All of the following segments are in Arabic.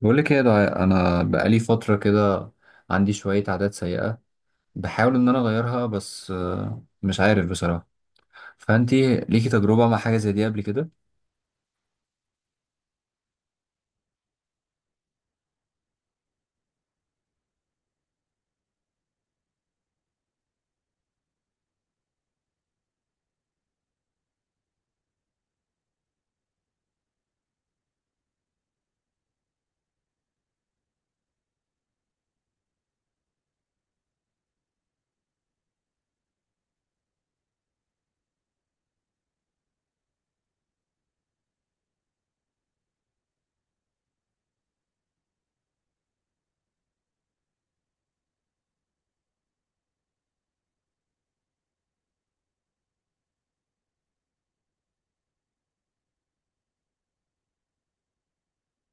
بقول لك ايه ده انا بقالي فتره كده. عندي شويه عادات سيئه. بحاول ان انا اغيرها بس، مش عارف بصراحه. فانتي ليكي تجربه مع حاجه زي دي قبل كده؟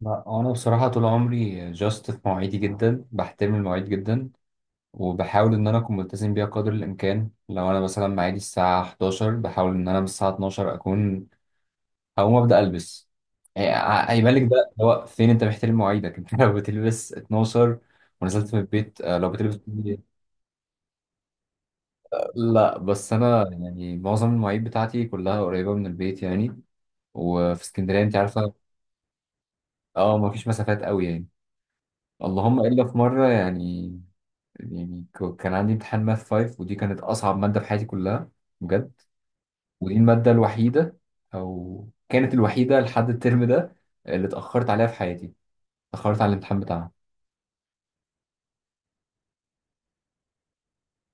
لا، انا بصراحه طول عمري جاست في مواعيدي، جدا بحترم المواعيد جدا، وبحاول ان انا اكون ملتزم بيها قدر الامكان. لو انا مثلا ميعادي الساعه 11، بحاول ان انا من الساعه 12 اكون هقوم ابدا البس. يعني هيبان لك ده اللي هو فين انت محترم مواعيدك. انت لو بتلبس 12 ونزلت من البيت، لو بتلبس... لا بس انا يعني معظم المواعيد بتاعتي كلها قريبه من البيت يعني، وفي اسكندريه انت عارفه. اه، ما فيش مسافات قوي يعني. اللهم الا في مره يعني. يعني كان عندي امتحان ماث 5، ودي كانت اصعب ماده في حياتي كلها، بجد. ودي الماده الوحيده، او كانت الوحيده لحد الترم ده، اللي اتاخرت عليها في حياتي. اتاخرت على الامتحان بتاعها.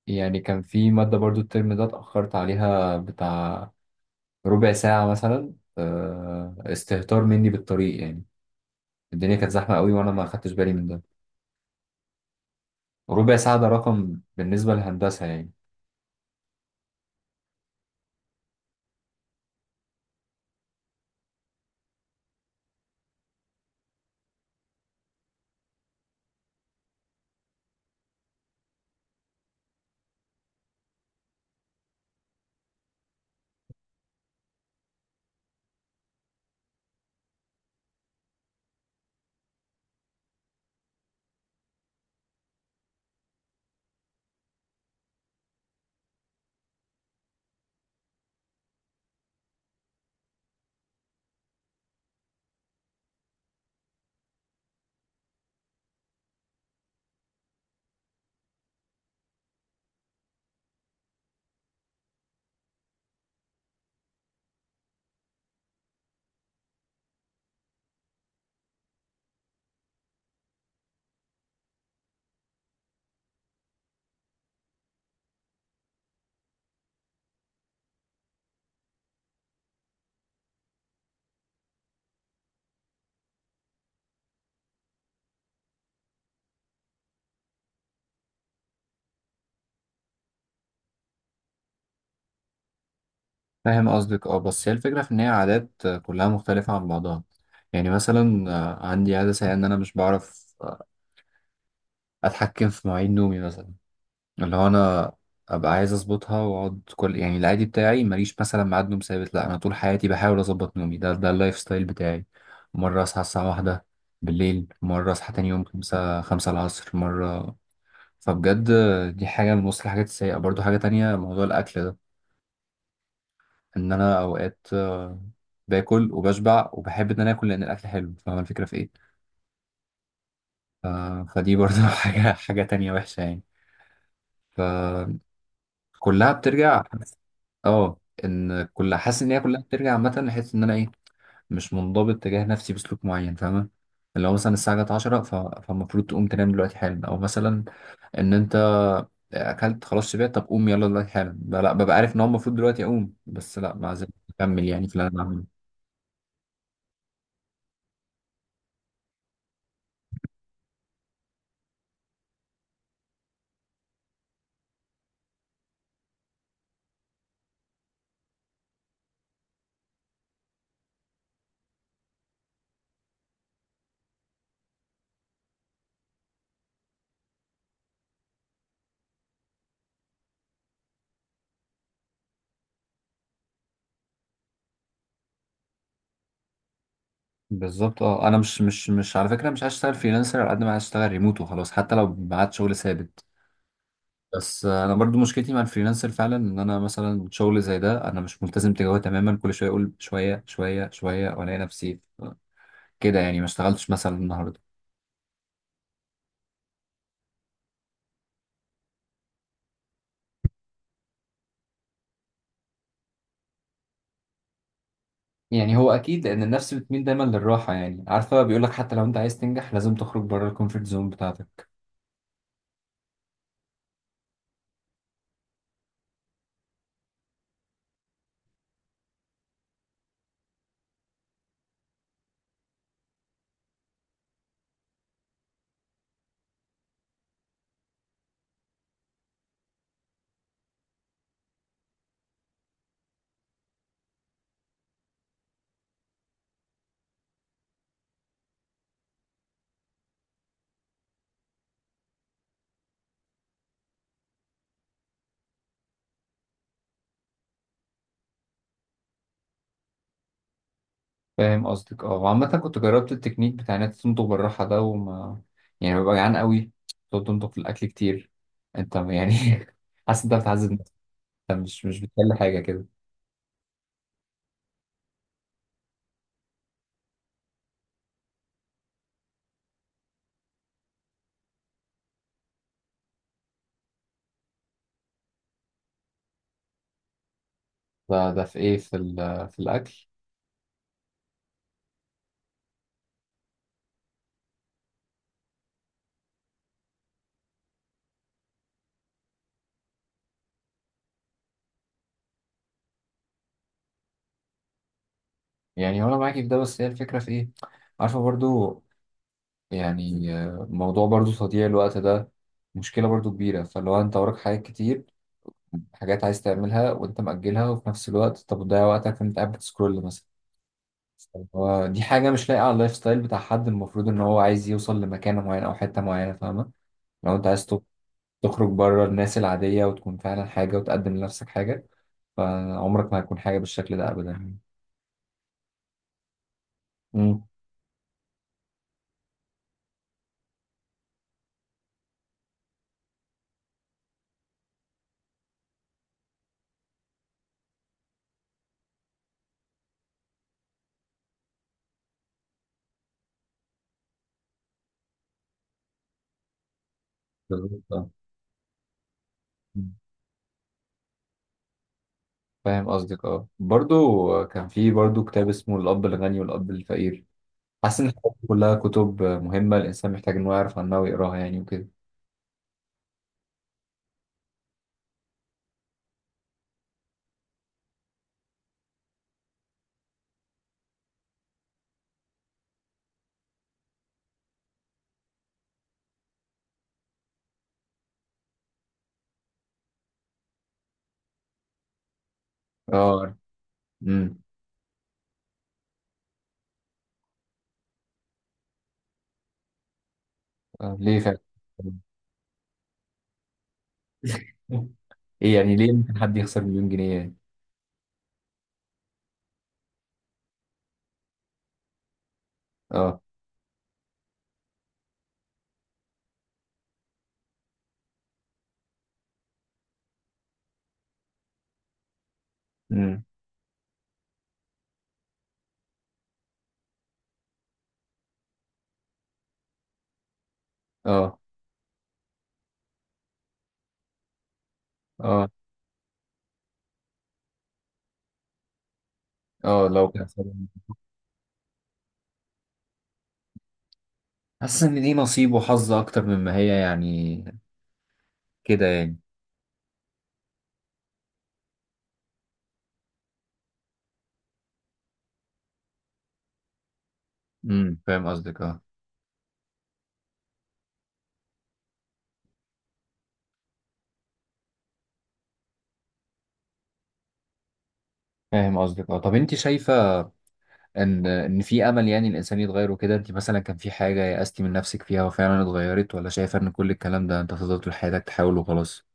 يعني كان في ماده برضو الترم ده اتاخرت عليها بتاع ربع ساعه مثلا. استهتار مني بالطريق يعني. الدنيا كانت زحمة قوي وأنا ما خدتش بالي من ده. ربع ساعة ده رقم بالنسبة للهندسة يعني. فاهم قصدك. اه، بس هي الفكرة في إن هي عادات كلها مختلفة عن بعضها. يعني مثلا عندي عادة سيئة إن أنا مش بعرف أتحكم في مواعيد نومي مثلا. اللي هو أنا أبقى عايز أظبطها وأقعد. كل يعني العادي بتاعي ماليش مثلا ميعاد نوم ثابت. لأ، أنا طول حياتي بحاول أظبط نومي، ده اللايف ستايل بتاعي. مرة أصحى الساعة واحدة بالليل، مرة أصحى تاني يوم خمسة العصر، مرة. فبجد دي حاجة من وسط الحاجات السيئة. برضو حاجة تانية، موضوع الأكل ده. إن أنا أوقات باكل وبشبع وبحب إن أنا آكل لأن الأكل حلو. فاهم الفكرة في إيه؟ ف- فدي برضو حاجة تانية وحشة يعني. فكلها بترجع. اه، ان كل... حاسس ان هي كلها بترجع عامه لحس ان انا ايه، مش منضبط تجاه نفسي بسلوك معين، فاهمه؟ اللي هو مثلا الساعه جت 10، فالمفروض تقوم تنام دلوقتي حالا. او مثلا ان انت اكلت خلاص شبعت، طب قوم يلا دلوقتي حالا. لا لا، ببقى عارف ان هو المفروض دلوقتي اقوم، بس لا ما زلت اكمل يعني في اللي انا بعمله. بالظبط. اه، انا مش على فكره مش عايز اشتغل فريلانسر على قد ما عايز اشتغل ريموت وخلاص، حتى لو بعد شغل ثابت. بس انا برضو مشكلتي مع الفريلانسر فعلا ان انا مثلا شغل زي ده انا مش ملتزم تجاهه تماما. كل شويه اقول شويه شويه شويه، والاقي نفسي كده يعني ما اشتغلتش مثلا النهارده. يعني هو اكيد لان النفس بتميل دايما للراحه يعني. عارفه، بيقول لك حتى لو انت عايز تنجح لازم تخرج بره الكومفورت زون بتاعتك. فاهم قصدك. اه، وعامة كنت جربت التكنيك بتاع انك تنضغ بالراحة ده، وما... يعني ببقى جعان قوي، تقعد تنضغ في الأكل كتير، انت يعني... حاسس انت بتعذب نفسك. انت مش بتحل حاجة كده. ده في ايه؟ في في الأكل؟ يعني هو انا معاكي في ده، بس هي الفكرة في ايه؟ عارفة برضو، يعني موضوع برضو تضييع الوقت ده مشكلة برضو كبيرة. فاللي هو انت وراك حاجات كتير، حاجات عايز تعملها وانت مأجلها، وفي نفس الوقت طب بتضيع وقتك انت قاعد بتسكرول مثلا. هو دي حاجة مش لايقة على اللايف ستايل بتاع حد المفروض إن هو عايز يوصل لمكانة معينة أو حتة معينة، فاهمة؟ لو أنت عايز تخرج بره الناس العادية وتكون فعلا حاجة وتقدم لنفسك حاجة. فعمرك ما هتكون حاجة بالشكل ده أبدا يعني. امم. بالظبط، آه. مم. فاهم قصدك. أه، برضو كان في برضو كتاب اسمه الأب الغني والأب الفقير. حاسس إن الحاجات دي كلها كتب مهمة، الإنسان محتاج إن هو يعرف عنها ويقراها يعني وكده. أه. امم. آه، ليه فعلا؟ إيه يعني، ليه ممكن حد يخسر مليون جنيه يعني؟ اه. امم. اه، اه، اه، لو كان سلام. حاسس ان دي نصيب وحظ اكتر مما هي يعني كده يعني. امم، فاهم قصدك. اه. فاهم قصدك. اه، طب انت شايفه ان في امل يعني الانسان يتغير وكده؟ انت مثلا كان في حاجه يأستي من نفسك فيها وفعلا اتغيرت، ولا شايفه ان كل الكلام ده انت هتفضل طول حياتك تحاول وخلاص؟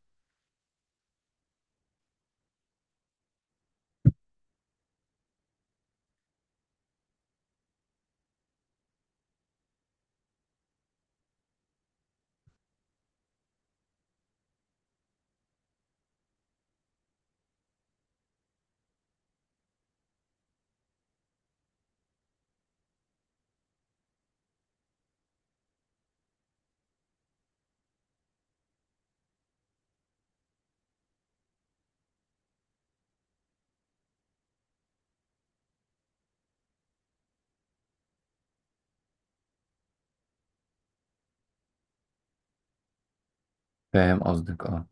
فاهم قصدك. اه،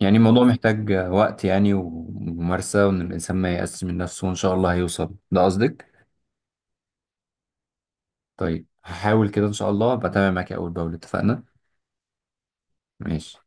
يعني الموضوع محتاج وقت يعني، وممارسه، وان الانسان ما يأسش من نفسه وان شاء الله هيوصل. ده قصدك؟ طيب هحاول كده ان شاء الله. بتابع معاك اول باول، اتفقنا؟ ماشي.